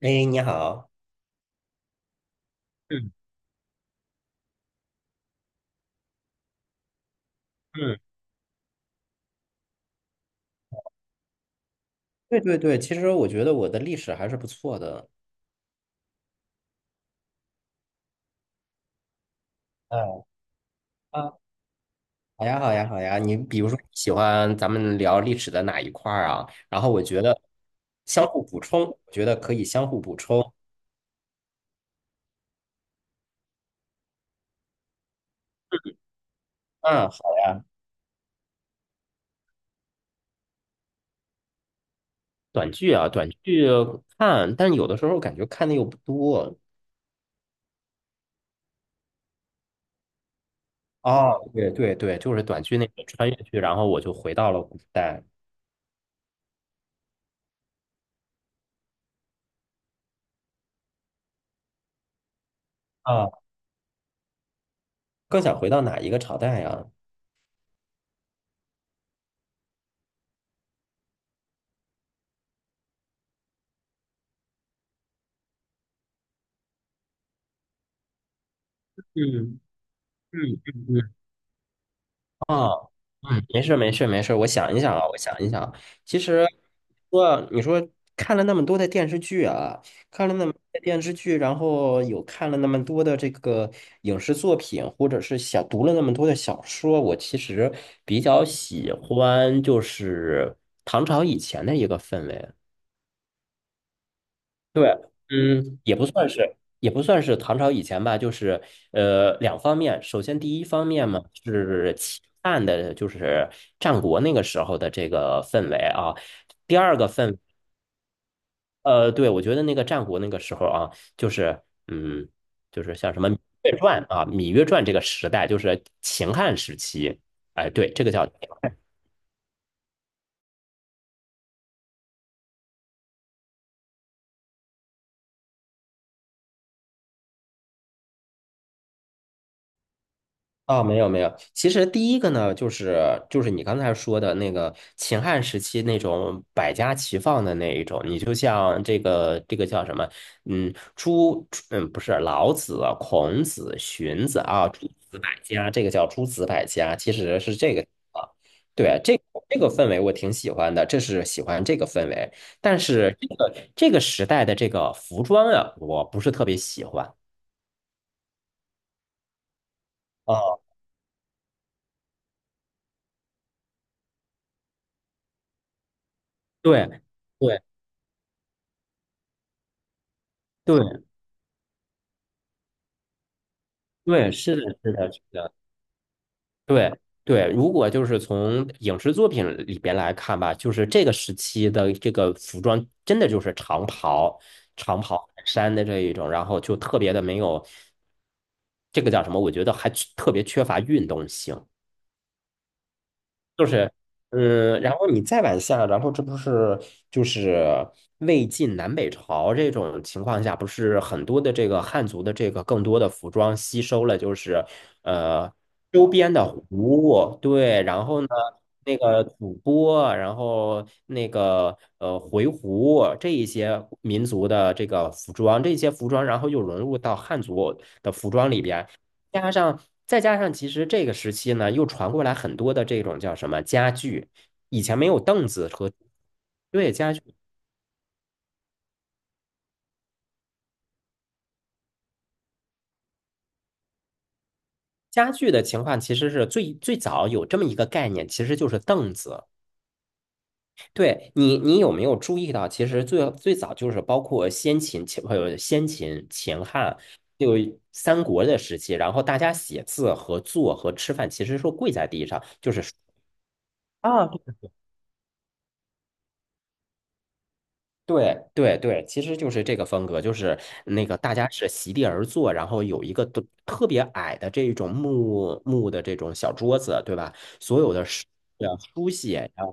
哎，你好。嗯嗯对对对，其实我觉得我的历史还是不错的。嗯啊，好呀好呀好呀，你比如说喜欢咱们聊历史的哪一块儿啊？然后我觉得相互补充，我觉得可以相互补充。嗯，好呀。短剧啊，短剧看，但有的时候感觉看的又不多。哦，对对对，就是短剧那个穿越剧，然后我就回到了古代。啊，更想回到哪一个朝代呀？嗯嗯嗯嗯，啊。嗯，没事儿没事儿没事儿，我想一想啊，我想一想啊。其实说你说看了那么多的电视剧啊，看了那么多的电视剧，然后有看了那么多的这个影视作品，或者是想读了那么多的小说，我其实比较喜欢就是唐朝以前的一个氛围。对，嗯，也不算是，也不算是唐朝以前吧，就是两方面。首先，第一方面嘛是秦汉的，就是战国那个时候的这个氛围啊。第二个氛，对，我觉得那个战国那个时候啊，就是嗯，就是像什么《芈月传》啊，《芈月传》这个时代，就是秦汉时期。哎，对，这个叫。啊、没有没有，其实第一个呢，就是就是你刚才说的那个秦汉时期那种百家齐放的那一种，你就像这个这个叫什么，不是老子、孔子、荀子啊，诸子百家，这个叫诸子百家，其实是这个。啊，对，这个氛围我挺喜欢的，这是喜欢这个氛围，但是这个这个时代的这个服装啊，我不是特别喜欢。啊。对对对对，是的，是的，是的，对对。如果就是从影视作品里边来看吧，就是这个时期的这个服装，真的就是长袍、长袍衫的这一种，然后就特别的没有。这个叫什么？我觉得还缺特别缺乏运动性。就是，嗯，然后你再往下，然后这不是就是魏晋南北朝这种情况下，不是很多的这个汉族的这个更多的服装吸收了，就是呃周边的胡，对，然后呢那个吐蕃，然后那个回鹘这一些民族的这个服装，这些服装然后又融入到汉族的服装里边。加上再加上，其实这个时期呢，又传过来很多的这种叫什么家具，以前没有凳子和对家具。家具的情况其实是最最早有这么一个概念，其实就是凳子。对你，你有没有注意到，其实最最早就是包括先秦、先秦、秦汉，就三国的时期，然后大家写字和坐和吃饭其实是跪在地上，就是啊对对对，其实就是这个风格，就是那个大家是席地而坐，然后有一个都特别矮的这种木木的这种小桌子，对吧？所有的书呀、书写呀，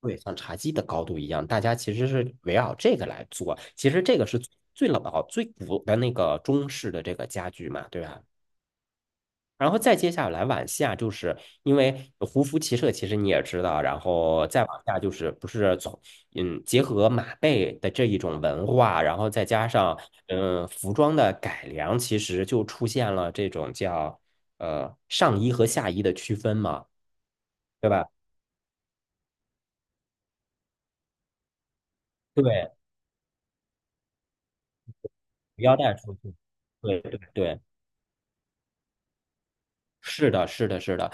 对，像茶几的高度一样，大家其实是围绕这个来做。其实这个是最老、最古的那个中式的这个家具嘛，对吧？然后再接下来往下，就是因为胡服骑射，其实你也知道，然后再往下就是不是从嗯结合马背的这一种文化，然后再加上服装的改良，其实就出现了这种叫上衣和下衣的区分嘛，对吧？对，腰带出去。对对对，是的，是的，是的。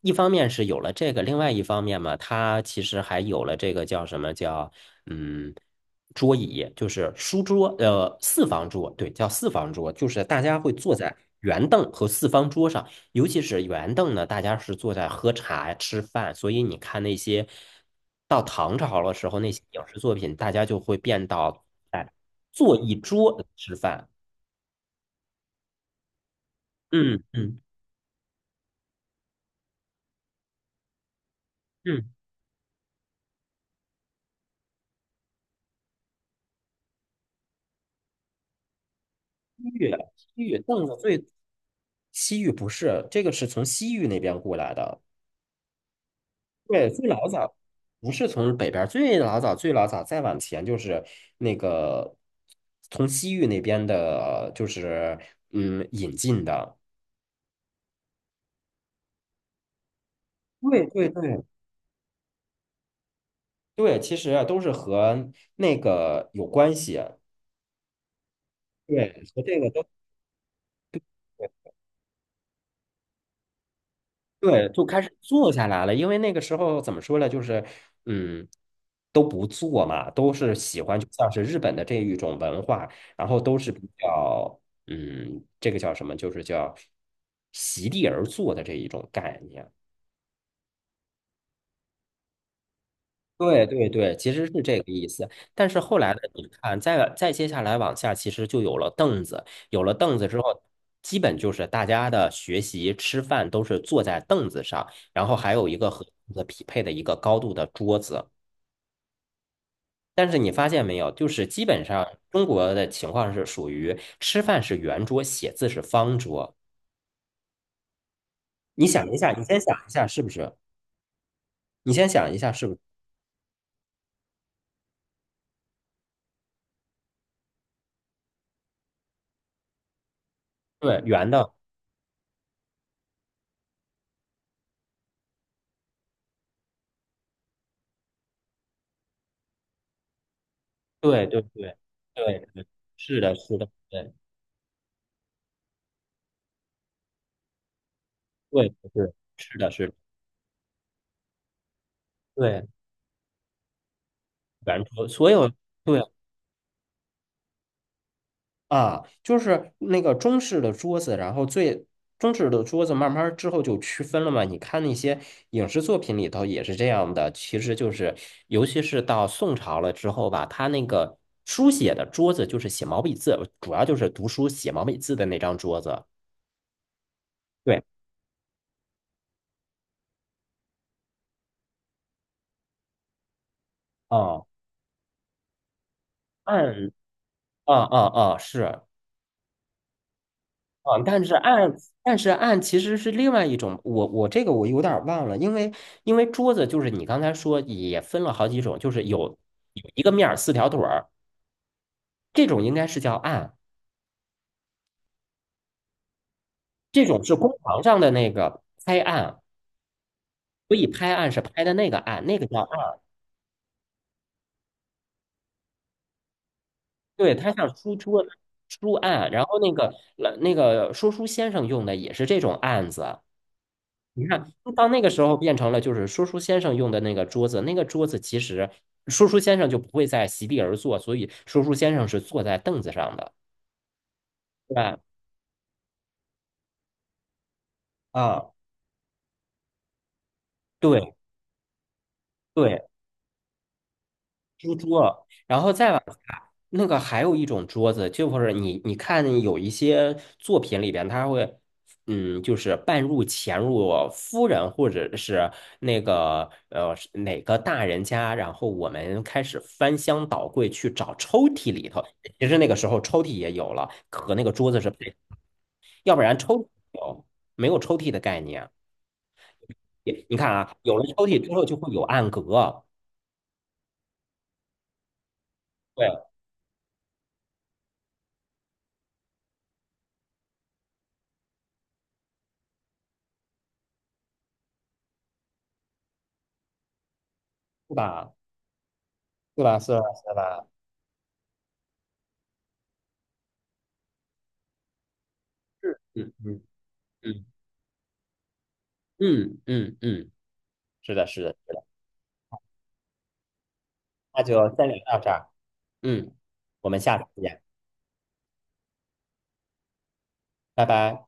一方面是有了这个，另外一方面嘛，它其实还有了这个叫什么叫嗯桌椅，就是书桌，四方桌，对，叫四方桌，就是大家会坐在圆凳和四方桌上，尤其是圆凳呢，大家是坐在喝茶吃饭，所以你看那些到唐朝的时候那些影视作品，大家就会变到哎坐一桌吃饭，嗯嗯嗯。域，西域藏的最西域不是，这个是从西域那边过来的，对，最老早不是从北边，最老早最老早再往前就是那个从西域那边的，就是嗯引进的，对对对对，其实啊都是和那个有关系，对，和这个都。对，就开始坐下来了。因为那个时候怎么说呢，就是嗯，都不做嘛，都是喜欢，就像是日本的这一种文化，然后都是比较嗯，这个叫什么，就是叫席地而坐的这一种概念。对对对，其实是这个意思。但是后来呢，你看，再接下来往下，其实就有了凳子。有了凳子之后，基本就是大家的学习、吃饭都是坐在凳子上，然后还有一个和凳子匹配的一个高度的桌子。但是你发现没有，就是基本上中国的情况是属于吃饭是圆桌，写字是方桌。你想一下，你先想一下是不是？你先想一下是不是？对，圆的，对对对对对，是的，是的，对。对，是是的，是的，对，圆桌，所有对啊，就是那个中式的桌子，然后最中式的桌子慢慢儿之后就区分了嘛。你看那些影视作品里头也是这样的，其实就是尤其是到宋朝了之后吧，他那个书写的桌子就是写毛笔字，主要就是读书写毛笔字的那张桌子。对，啊，按啊啊是啊，但是案其实是另外一种，我这个我有点儿忘了，因为因为桌子就是你刚才说也分了好几种，就是有有一个面儿四条腿儿，这种应该是叫案，这种是工堂上的那个拍案，所以拍案是拍的那个案，那个叫案，对，它像书桌书案，然后那个那个说书先生用的也是这种案子，你看，到那个时候变成了就是说书先生用的那个桌子，那个桌子其实说书先生就不会再席地而坐，所以说书先生是坐在凳子上的，对吧？啊，对对。书桌，然后再往下，那个还有一种桌子，就是你你看有一些作品里边，它会，嗯，就是半入潜入夫人或者是那个是哪个大人家，然后我们开始翻箱倒柜去找抽屉里头。其实那个时候抽屉也有了，和那个桌子是配，要不然抽屉有没有抽屉的概念？也你看啊，有了抽屉之后就会有暗格，对，是吧？是吧？是吧？是吧？嗯嗯。嗯嗯嗯嗯是的，是的，是的。那就先聊到这儿，嗯，我们下次见，拜拜。